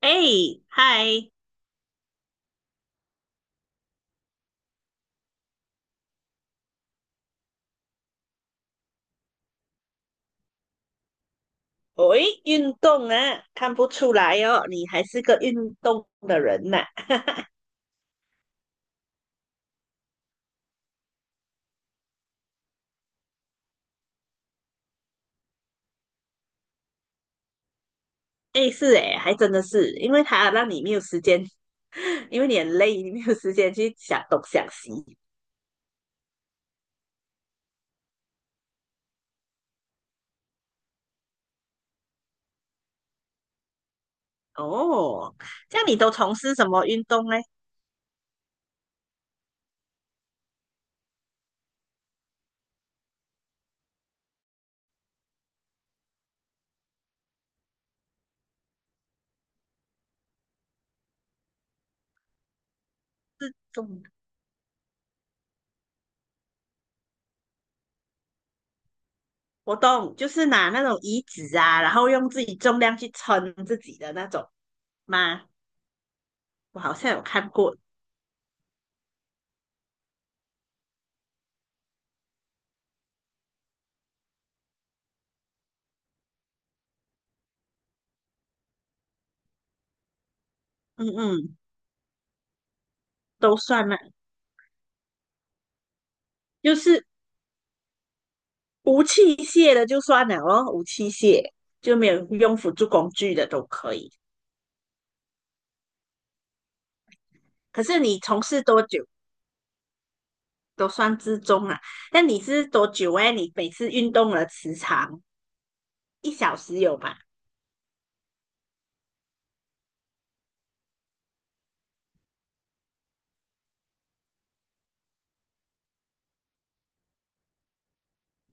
哎，嗨，喂，运动啊，看不出来哦，你还是个运动的人呐、哎，是哎，还真的是，因为他让你没有时间，因为你很累，你没有时间去想东想西。哦，像你都从事什么运动呢？是重，活动，就是拿那种椅子啊，然后用自己重量去撑自己的那种吗？我好像有看过，嗯嗯，都算了，就是无器械的就算了咯，无器械就没有用辅助工具的都可以。可是你从事多久都算之中啊？那你是多久哎？你每次运动的时长1小时有吧？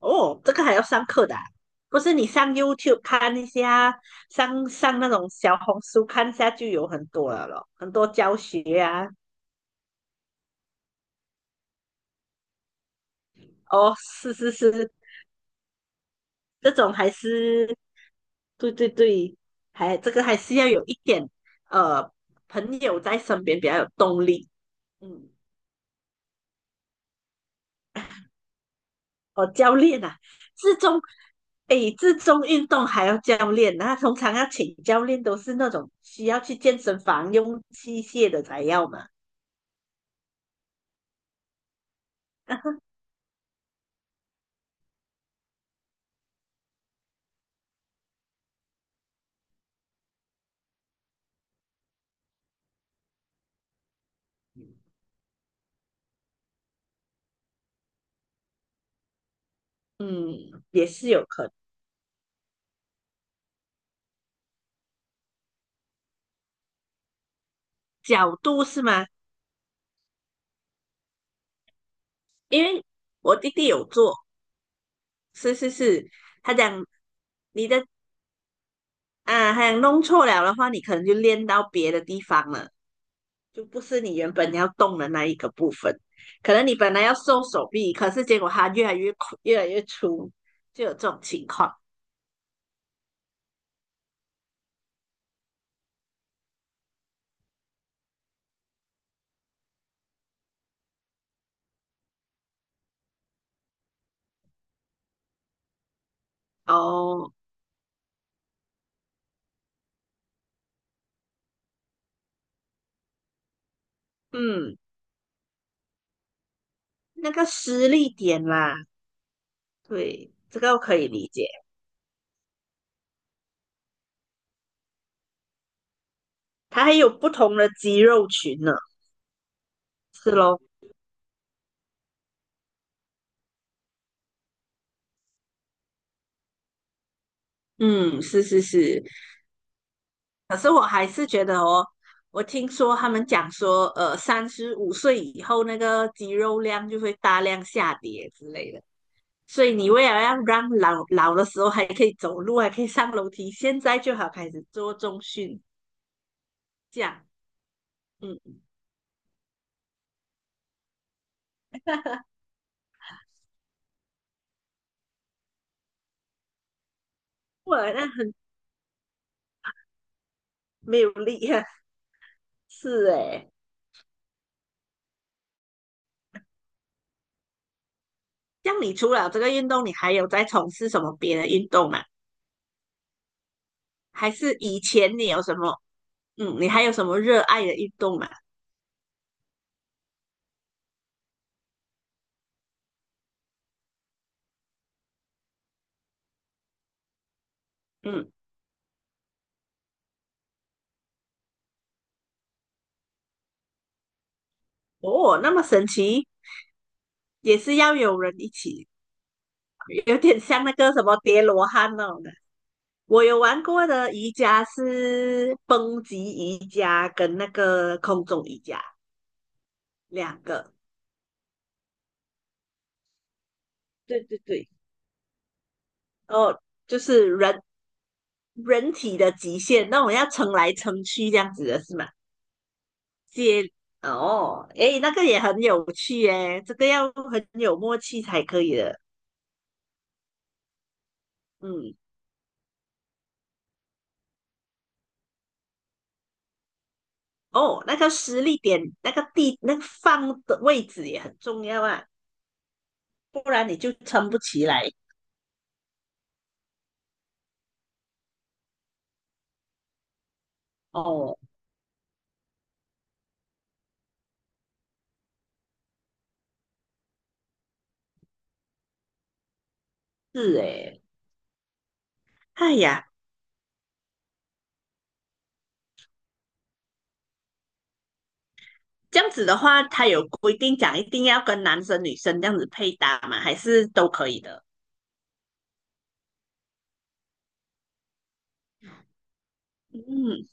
哦，这个还要上课的啊不是你上 YouTube 看一下，上上那种小红书看一下就有很多了咯，很多教学啊。哦，是是是，这种还是对对对，还这个还是要有一点呃朋友在身边比较有动力。嗯，哦，教练啊，自重，诶，自重运动还要教练，那通常要请教练都是那种需要去健身房用器械的才要嘛。嗯，也是有可能角度是吗？因为我弟弟有做，是是是，他讲你的他讲弄错了的话，你可能就练到别的地方了。就不是你原本你要动的那一个部分。可能你本来要瘦手臂，可是结果它越来越粗，就有这种情况哦。嗯，那个施力点啦，对，这个我可以理解。它还有不同的肌肉群呢，是咯，嗯，是是是。可是我还是觉得哦，我听说他们讲说，35岁以后那个肌肉量就会大量下跌之类的。所以你为了要让老老的时候还可以走路，还可以上楼梯，现在就好开始做中训，这样，嗯，我那很没有力啊，是诶。像你除了这个运动，你还有在从事什么别的运动吗？还是以前你有什么，嗯，你还有什么热爱的运动吗？嗯，哦，那么神奇，也是要有人一起，有点像那个什么叠罗汉那种的。我有玩过的瑜伽是蹦极瑜伽跟那个空中瑜伽两个，对对对，哦，就是人体的极限，那我要撑来撑去这样子的是吗？接哦，诶，那个也很有趣诶，这个要很有默契才可以的。嗯，哦，那个施力点，那个地，那个放的位置也很重要啊，不然你就撑不起来。哦，是诶，哎呀，这样子的话，他有规定讲一定要跟男生女生这样子配搭吗？还是都可以的？嗯，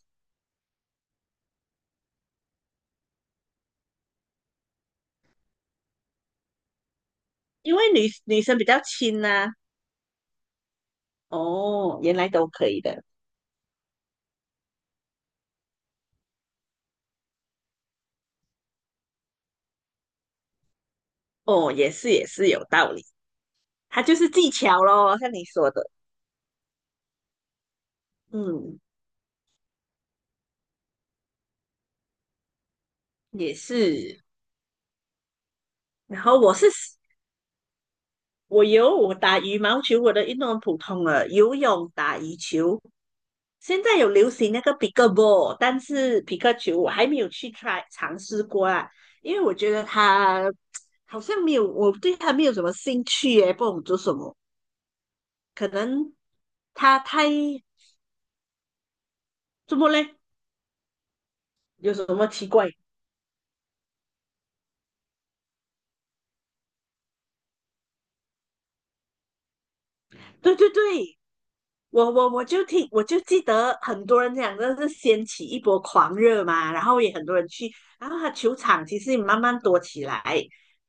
因为女生比较轻啊。哦，原来都可以的。哦，也是也是有道理，它就是技巧咯，像你说的。嗯，也是。然后我打羽毛球，我的运动很普通了，游泳、打羽球，现在有流行那个 PIC 但是皮克球我还没有去 try 尝试过啊，因为我觉得它好像没有，我对它没有什么兴趣耶，不懂做什么，可能它太怎么嘞？有什么奇怪？对对对，我就听，我就记得很多人讲，这是掀起一波狂热嘛，然后也很多人去，然后他球场其实也慢慢多起来。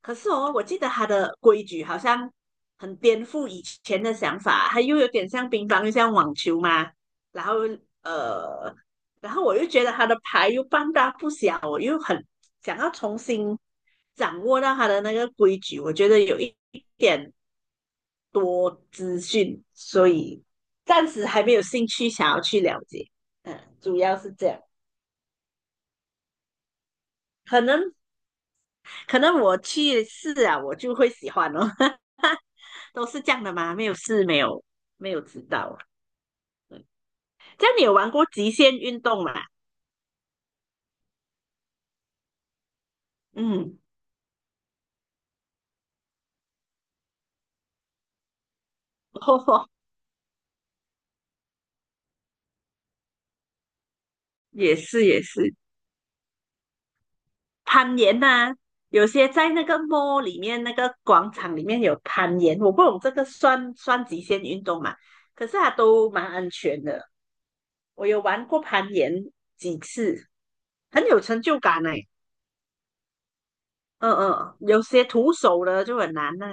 可是哦，我记得他的规矩好像很颠覆以前的想法，他又有点像乒乓，又像网球嘛。然后呃，然后我又觉得他的牌又半大不小，我又很想要重新掌握到他的那个规矩，我觉得有一点多资讯，所以暂时还没有兴趣想要去了解。嗯，主要是这样。可能可能我去试啊，我就会喜欢哦。都是这样的吗？没有试，没有知道。这样你有玩过极限运动吗？嗯，哦，也是也是。攀岩呐、有些在那个 mall 里面那个广场里面有攀岩，我不懂这个算算极限运动嘛？可是它都蛮安全的，我有玩过攀岩几次，很有成就感哎、嗯嗯，有些徒手的就很难呐、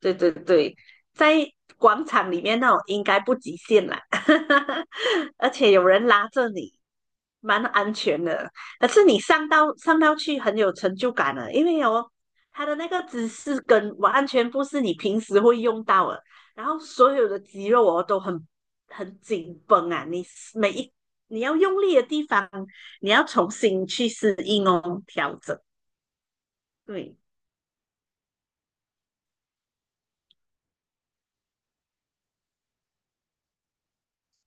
对对对，在广场里面那种应该不极限啦，而且有人拉着你，蛮安全的。可是你上到去很有成就感的，因为哦，它的那个姿势跟完全不是你平时会用到的，然后所有的肌肉哦都很紧绷啊，你每一你要用力的地方，你要重新去适应哦，调整。对，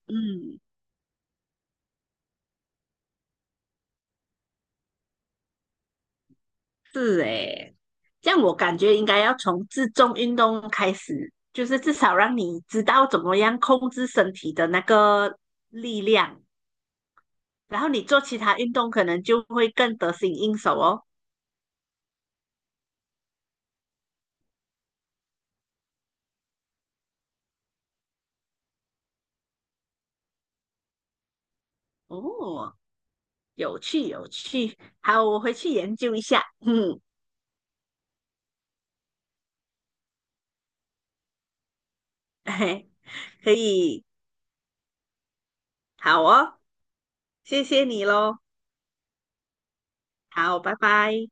嗯。是诶，这样我感觉应该要从自重运动开始，就是至少让你知道怎么样控制身体的那个力量，然后你做其他运动可能就会更得心应手哦。哦，有趣有趣，好，我回去研究一下。嗯，嘿，可以，好哦，谢谢你喽，好，拜拜。